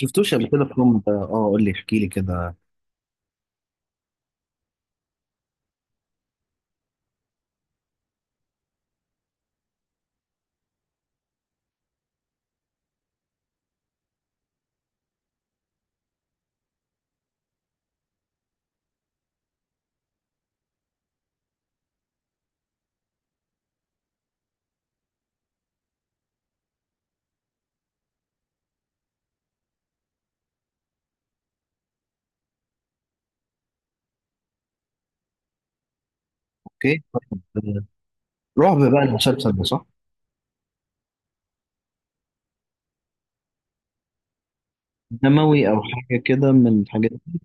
شفتوش قبل كده في فيلم قول لي، احكي لي كده. اوكي، طيب، رعب بقى المسلسل ده صح؟ دموي او حاجه كده من الحاجات دي؟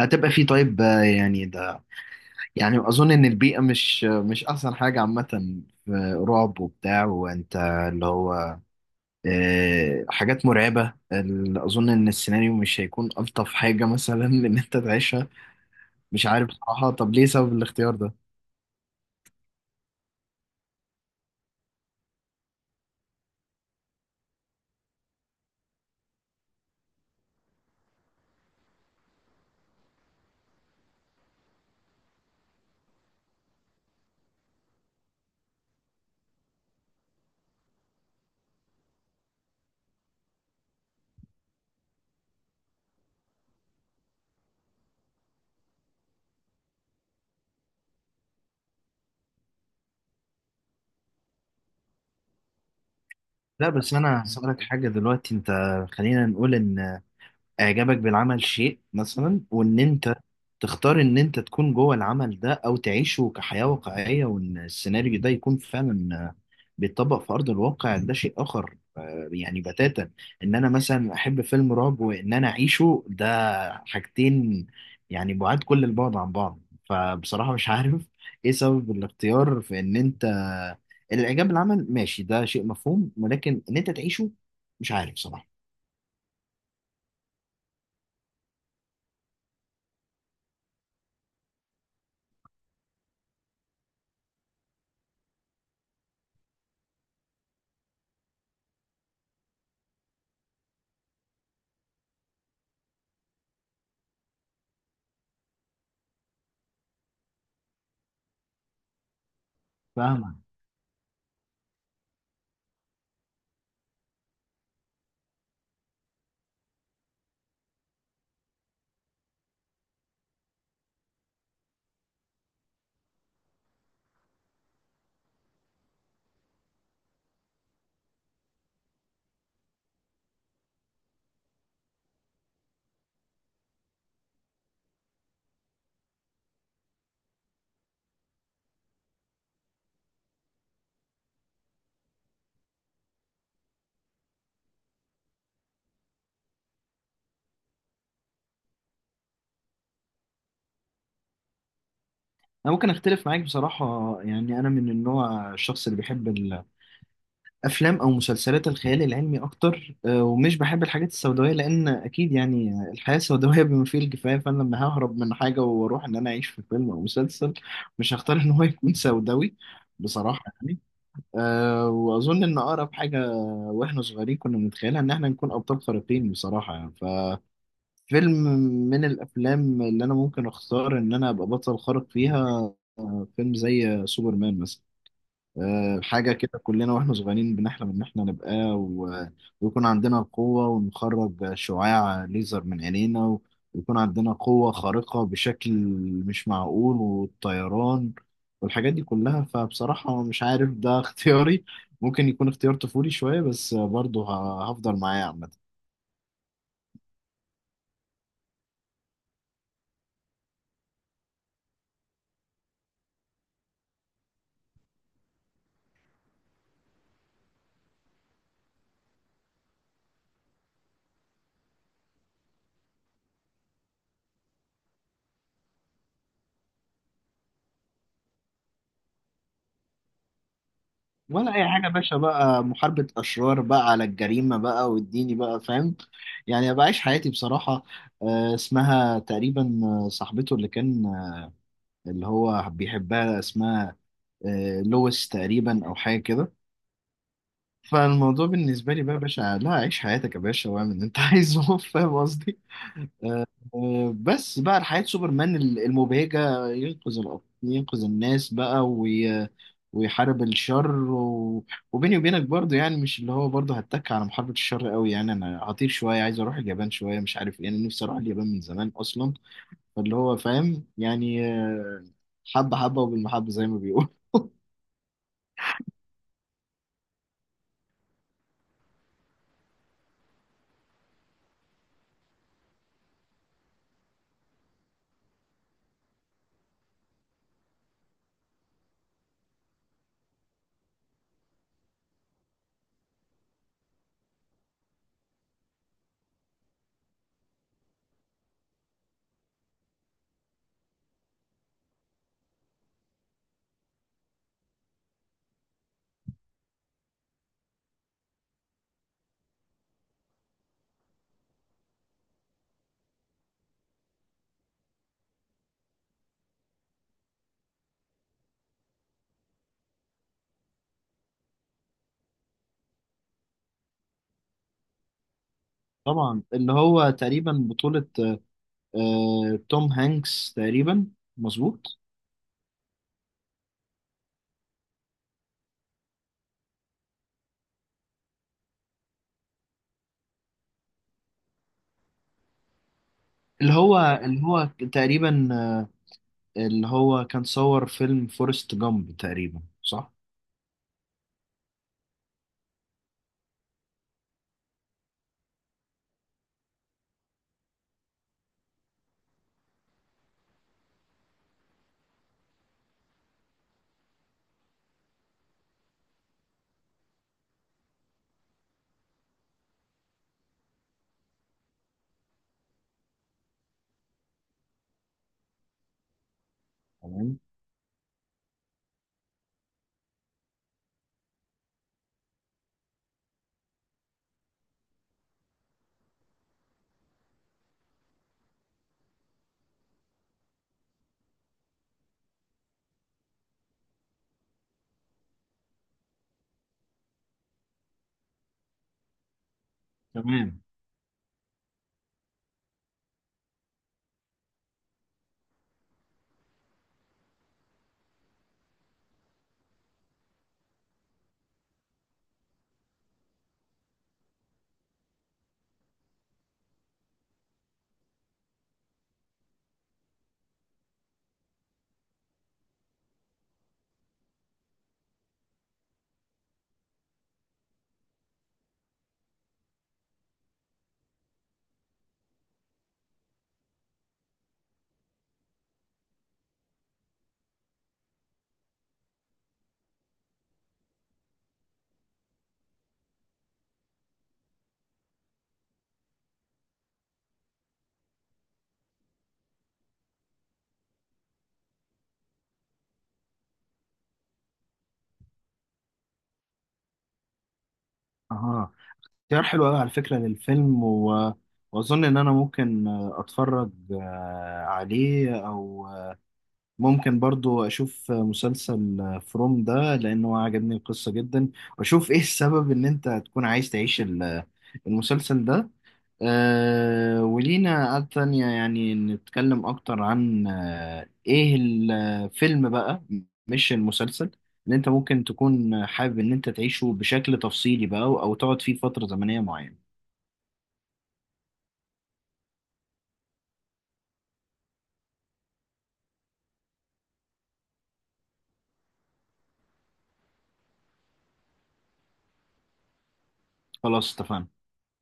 هتبقى فيه. طيب، يعني ده، يعني اظن ان البيئه مش احسن حاجه عامه في رعب وبتاع، وانت اللي هو حاجات مرعبه، اظن ان السيناريو مش هيكون الطف حاجه مثلا ان انت تعيشها. مش عارف بصراحه. طب ليه سبب الاختيار ده؟ لا بس انا هسألك حاجة دلوقتي. انت خلينا نقول ان اعجابك بالعمل شيء مثلا، وان انت تختار ان انت تكون جوه العمل ده او تعيشه كحياة واقعية، وان السيناريو ده يكون فعلا بيتطبق في ارض الواقع، ده شيء اخر يعني بتاتا. ان انا مثلا احب فيلم رعب، وان انا اعيشه، ده حاجتين يعني بعاد كل البعد عن بعض. فبصراحة مش عارف ايه سبب الاختيار في ان انت الاعجاب بالعمل ماشي، ده شيء مفهوم، ولكن ان انت تعيشه مش عارف صراحة. فاهم؟ انا ممكن اختلف معاك بصراحه. يعني انا من النوع، الشخص اللي بيحب الافلام او مسلسلات الخيال العلمي اكتر، ومش بحب الحاجات السوداويه، لان اكيد يعني الحياه سوداويه بما فيه الكفايه. فانا لما ههرب من حاجه واروح ان انا اعيش في فيلم او مسلسل، مش هختار ان هو يكون سوداوي بصراحه يعني. أه، واظن ان اقرب حاجه واحنا صغيرين كنا بنتخيلها ان احنا نكون ابطال خارقين بصراحه يعني. فيلم من الافلام اللي انا ممكن اختار ان انا ابقى بطل خارق فيها، فيلم زي سوبرمان مثلا. حاجه كده كلنا واحنا صغيرين بنحلم ان احنا نبقى ويكون عندنا القوه، ونخرج شعاع ليزر من عينينا، ويكون عندنا قوه خارقه بشكل مش معقول، والطيران والحاجات دي كلها. فبصراحه مش عارف، ده اختياري. ممكن يكون اختيار طفولي شويه، بس برضه هفضل معاه عامه. ولا اي حاجه يا باشا، بقى محاربه اشرار بقى على الجريمه بقى، واديني بقى فاهم، يعني ابقى عايش حياتي بصراحه. اسمها تقريبا، صاحبته اللي كان اللي هو بيحبها، اسمها لويس تقريبا او حاجه كده. فالموضوع بالنسبه لي بقى يا باشا، لا عيش حياتك يا باشا واعمل اللي انت عايزه فاهم قصدي. بس بقى حياة سوبرمان المبهجة، ينقذ الأرض، ينقذ الناس بقى، ويحارب الشر وبيني وبينك برضه يعني، مش اللي هو برضه هتك على محاربة الشر قوي يعني. أنا هطير شوية، عايز أروح اليابان شوية، مش عارف إيه، أنا نفسي أروح اليابان من زمان أصلا. فاللي هو فاهم يعني، حبة حبة وبالمحبة زي ما بيقول. طبعا، اللي هو تقريبا بطولة توم هانكس تقريبا. مظبوط. اللي هو تقريبا، اللي هو كان صور فيلم فورست جامب تقريبا صح؟ تمام. تمام. اها. اختيار حلو قوي على فكرة للفيلم، واظن ان انا ممكن اتفرج عليه. او ممكن برضو اشوف مسلسل فروم ده، لانه عجبني القصة جدا. واشوف ايه السبب ان انت تكون عايز تعيش المسلسل ده. أه، ولينا قعدة تانية يعني نتكلم اكتر عن ايه الفيلم بقى، مش المسلسل، ان انت ممكن تكون حابب ان انت تعيشه بشكل تفصيلي بقى، او أو تقعد فيه فترة زمنية معينة. خلاص، اتفقنا.